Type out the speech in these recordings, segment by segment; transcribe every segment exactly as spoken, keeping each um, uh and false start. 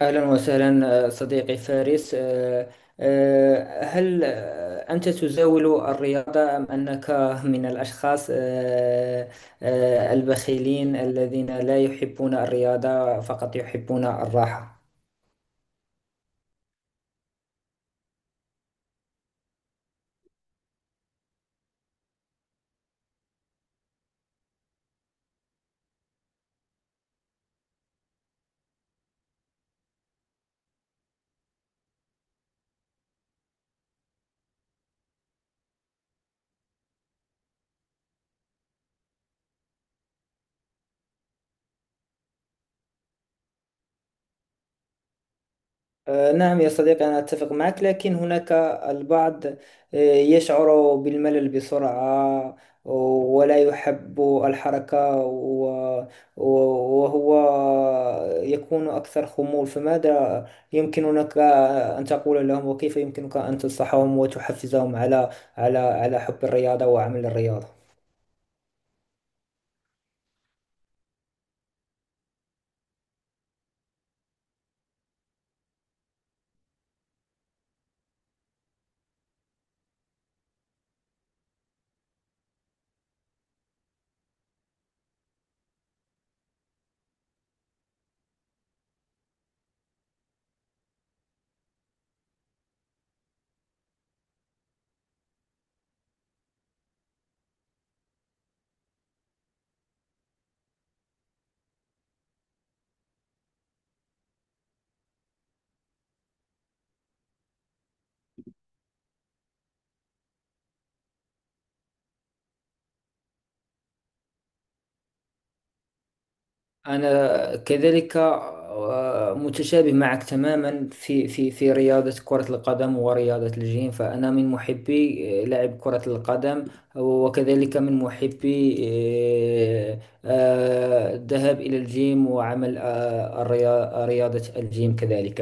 أهلا وسهلا آه، صديقي فارس آه، آه، هل آه، أنت تزاول الرياضة أم أنك من الأشخاص آه، آه، البخيلين الذين لا يحبون الرياضة فقط يحبون الراحة؟ آه، نعم يا صديقي، أنا أتفق معك لكن هناك البعض آه، يشعر بالملل بسرعة ولا يحب الحركة و- و- وهو يكون أكثر خمول. فماذا يمكنك أن تقول لهم؟ وكيف يمكنك أن تنصحهم وتحفزهم على على على حب الرياضة وعمل الرياضة؟ أنا كذلك آه، متشابه معك تماما في في في رياضة كرة القدم ورياضة الجيم، فأنا من محبي آه، لعب كرة القدم، وكذلك من محبي آه، آه، الذهاب إلى الجيم وعمل آه، الريا- رياضة الجيم كذلك.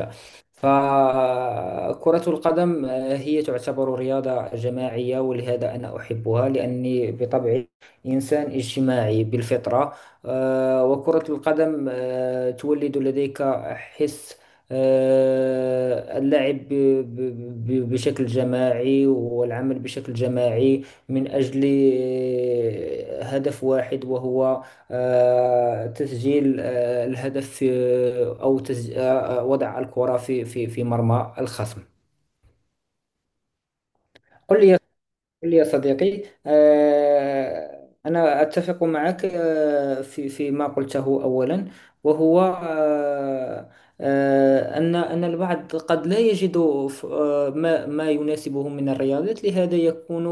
فكرة القدم آه، هي تعتبر رياضة جماعية، ولهذا أنا أحبها لأني بطبعي إنسان اجتماعي بالفطرة. آه، وكرة القدم آه، تولد لديك حس آه، اللعب ب- ب- ب- بشكل جماعي، والعمل بشكل جماعي من أجل آه، هدف واحد، وهو آه، تسجيل آه، الهدف، آه، أو تسج... آه، آه، وضع الكرة في في في مرمى الخصم. قل لي، قل لي يا صديقي، آه، أنا أتفق معك آه، في في ما قلته أولا، وهو آه، آه، أن أن البعض قد لا يجد ف- آه، ما ما يناسبه من الرياضات، لهذا يكون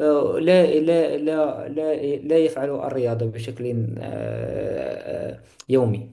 آه، لا لا لا لا لا يفعل الرياضة بشكل آه، آه، يومي.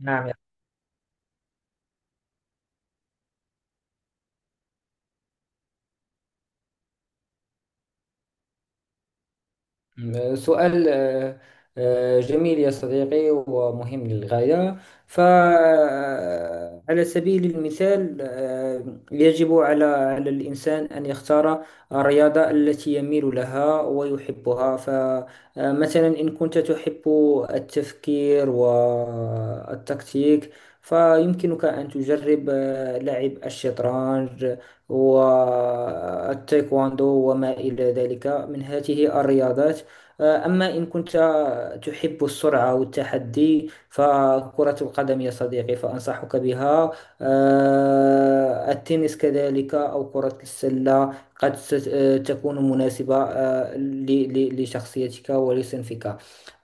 نعم، سؤال آه، آه، جميل يا صديقي ومهم للغاية. فعلى سبيل المثال، آه، يجب على على الإنسان أن يختار الرياضة التي يميل لها ويحبها. فمثلا، إن كنت تحب التفكير والتكتيك، فيمكنك أن تجرب آه، لعب الشطرنج والتايكواندو وما إلى ذلك من هذه الرياضات. آه، أما إن كنت تحب السرعة والتحدي، فكرة القدم يا صديقي فأنصحك بها. آه، التنس كذلك، أو كرة السلة، قد ست- آه، تكون مناسبة آه، ل- ل- لشخصيتك ولصنفك.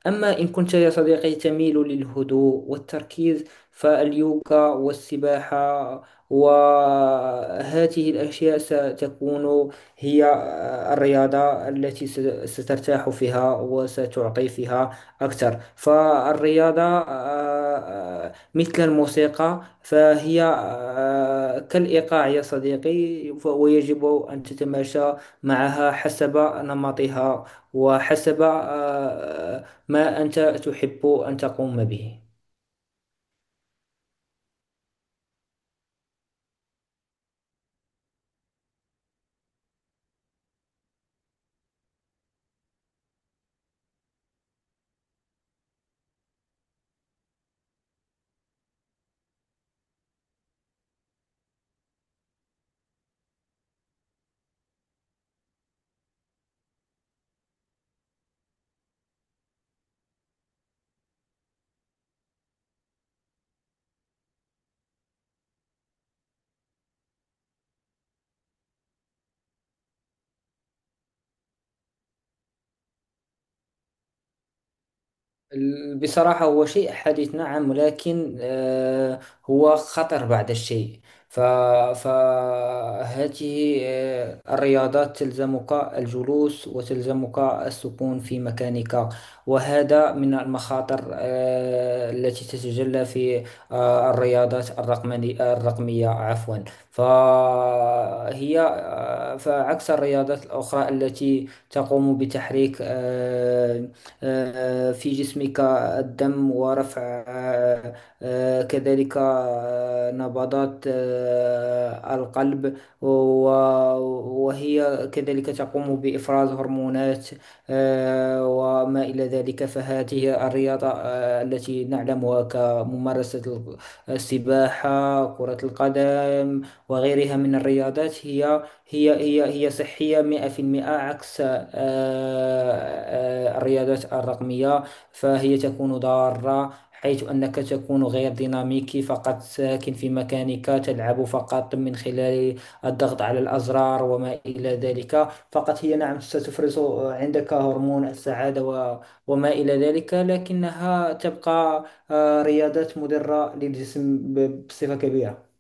أما إن كنت يا صديقي تميل للهدوء والتركيز، فاليوغا والسباحة وهذه الأشياء ستكون هي آه، الرياضة التي ست- سترتاح فيها وستعطي فيها أكثر. فالرياضة آه، آه، مثل الموسيقى، فهي آه، كالإيقاع يا صديقي، ف- ويجب أن تتماشى معها حسب نمطها وحسب آه، ما أنت تحب أن تقوم به. ال- بصراحة هو شيء حديث نعم، ولكن آه، هو خطر بعض الشيء. ف- فهذه آه، الرياضات تلزمك الجلوس وتلزمك السكون في مكانك، وهذا من المخاطر آه، التي تتجلى في آه، الرياضات الرقمني- الرقمية، عفوا. فهي عكس الرياضات الأخرى التي تقوم بتحريك آه، آه، في جسمك الدم، ورفع آه، آه، كذلك آه، نبضات آه، القلب، و- وهي كذلك تقوم بإفراز هرمونات آه، وما إلى ذلك. فهذه الرياضة آه، التي نعلمها كممارسة السباحة، كرة القدم، وغيرها من الرياضات، هي هي هي هي صحية مائة في المئة، عكس آه، آه، الرياضات الرقمية، فهي تكون ضارة، حيث أنك تكون غير ديناميكي، فقط ساكن في مكانك، تلعب فقط من خلال الضغط على الأزرار وما إلى ذلك فقط. هي نعم ستفرز عندك هرمون السعادة و- وما إلى ذلك، لكنها تبقى آه، رياضات مضرة للجسم ب- بصفة كبيرة.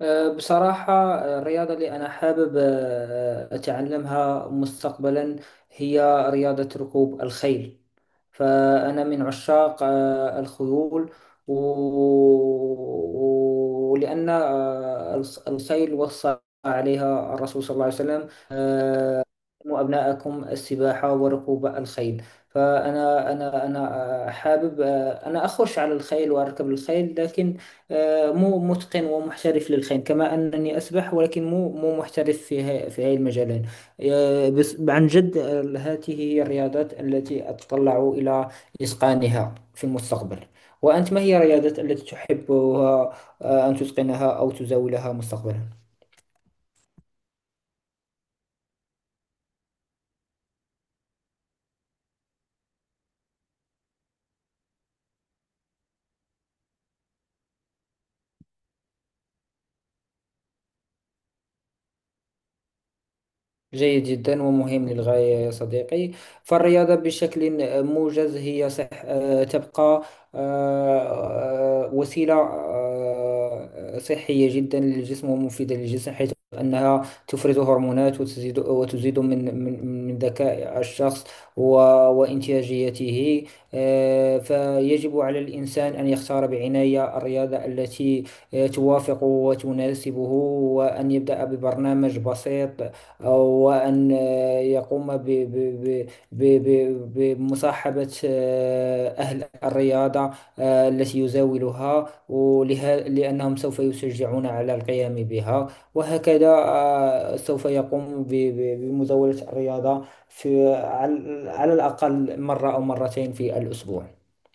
أه، بصراحة أه، الرياضة اللي أنا حابب أه، أتعلمها مستقبلا هي رياضة ركوب الخيل. فأنا من عشاق أه، الخيول، و- ولأن أه، الخ- الخيل وصى عليها الرسول صلى الله عليه وسلم: علموا أبناءكم السباحة وركوب الخيل. فأنا أنا أنا آه، حابب، آه، أنا أخش على الخيل وأركب الخيل، لكن آه، مو متقن ومحترف للخيل، كما أنني أسبح ولكن مو مو محترف في ها- في هاي المجالين. آه، بس عن جد، آه، هذه هي الرياضات التي أتطلع إلى إتقانها في المستقبل. وأنت، ما هي الرياضات التي تحبها آه، أن تتقنها أو تزاولها مستقبلا؟ جيد جدا ومهم للغاية يا صديقي. فالرياضة بشكل موجز هي صح، آه، تبقى آه، آه، وسيلة آه، صحية جدا للجسم ومفيدة للجسم، حيث أنها تفرز هرمونات، وتزيد وتزيد من من من ذكاء الشخص و- وإنتاجيته. آه، فيجب على الإنسان أن يختار بعناية الرياضة التي آه، توافق وتناسبه، وأن يبدأ ببرنامج بسيط، وأن يقوم ب- ب- ب- ب- ب- بمصاحبة آه، أهل الرياضة آه، التي يزاولها ولها، لأنهم سوف يشجعون على القيام بها. وهكذا آه، سوف يقوم ب- ب- بمزاولة الرياضة في على على الأقل مرة أو مرتين في الأسبوع.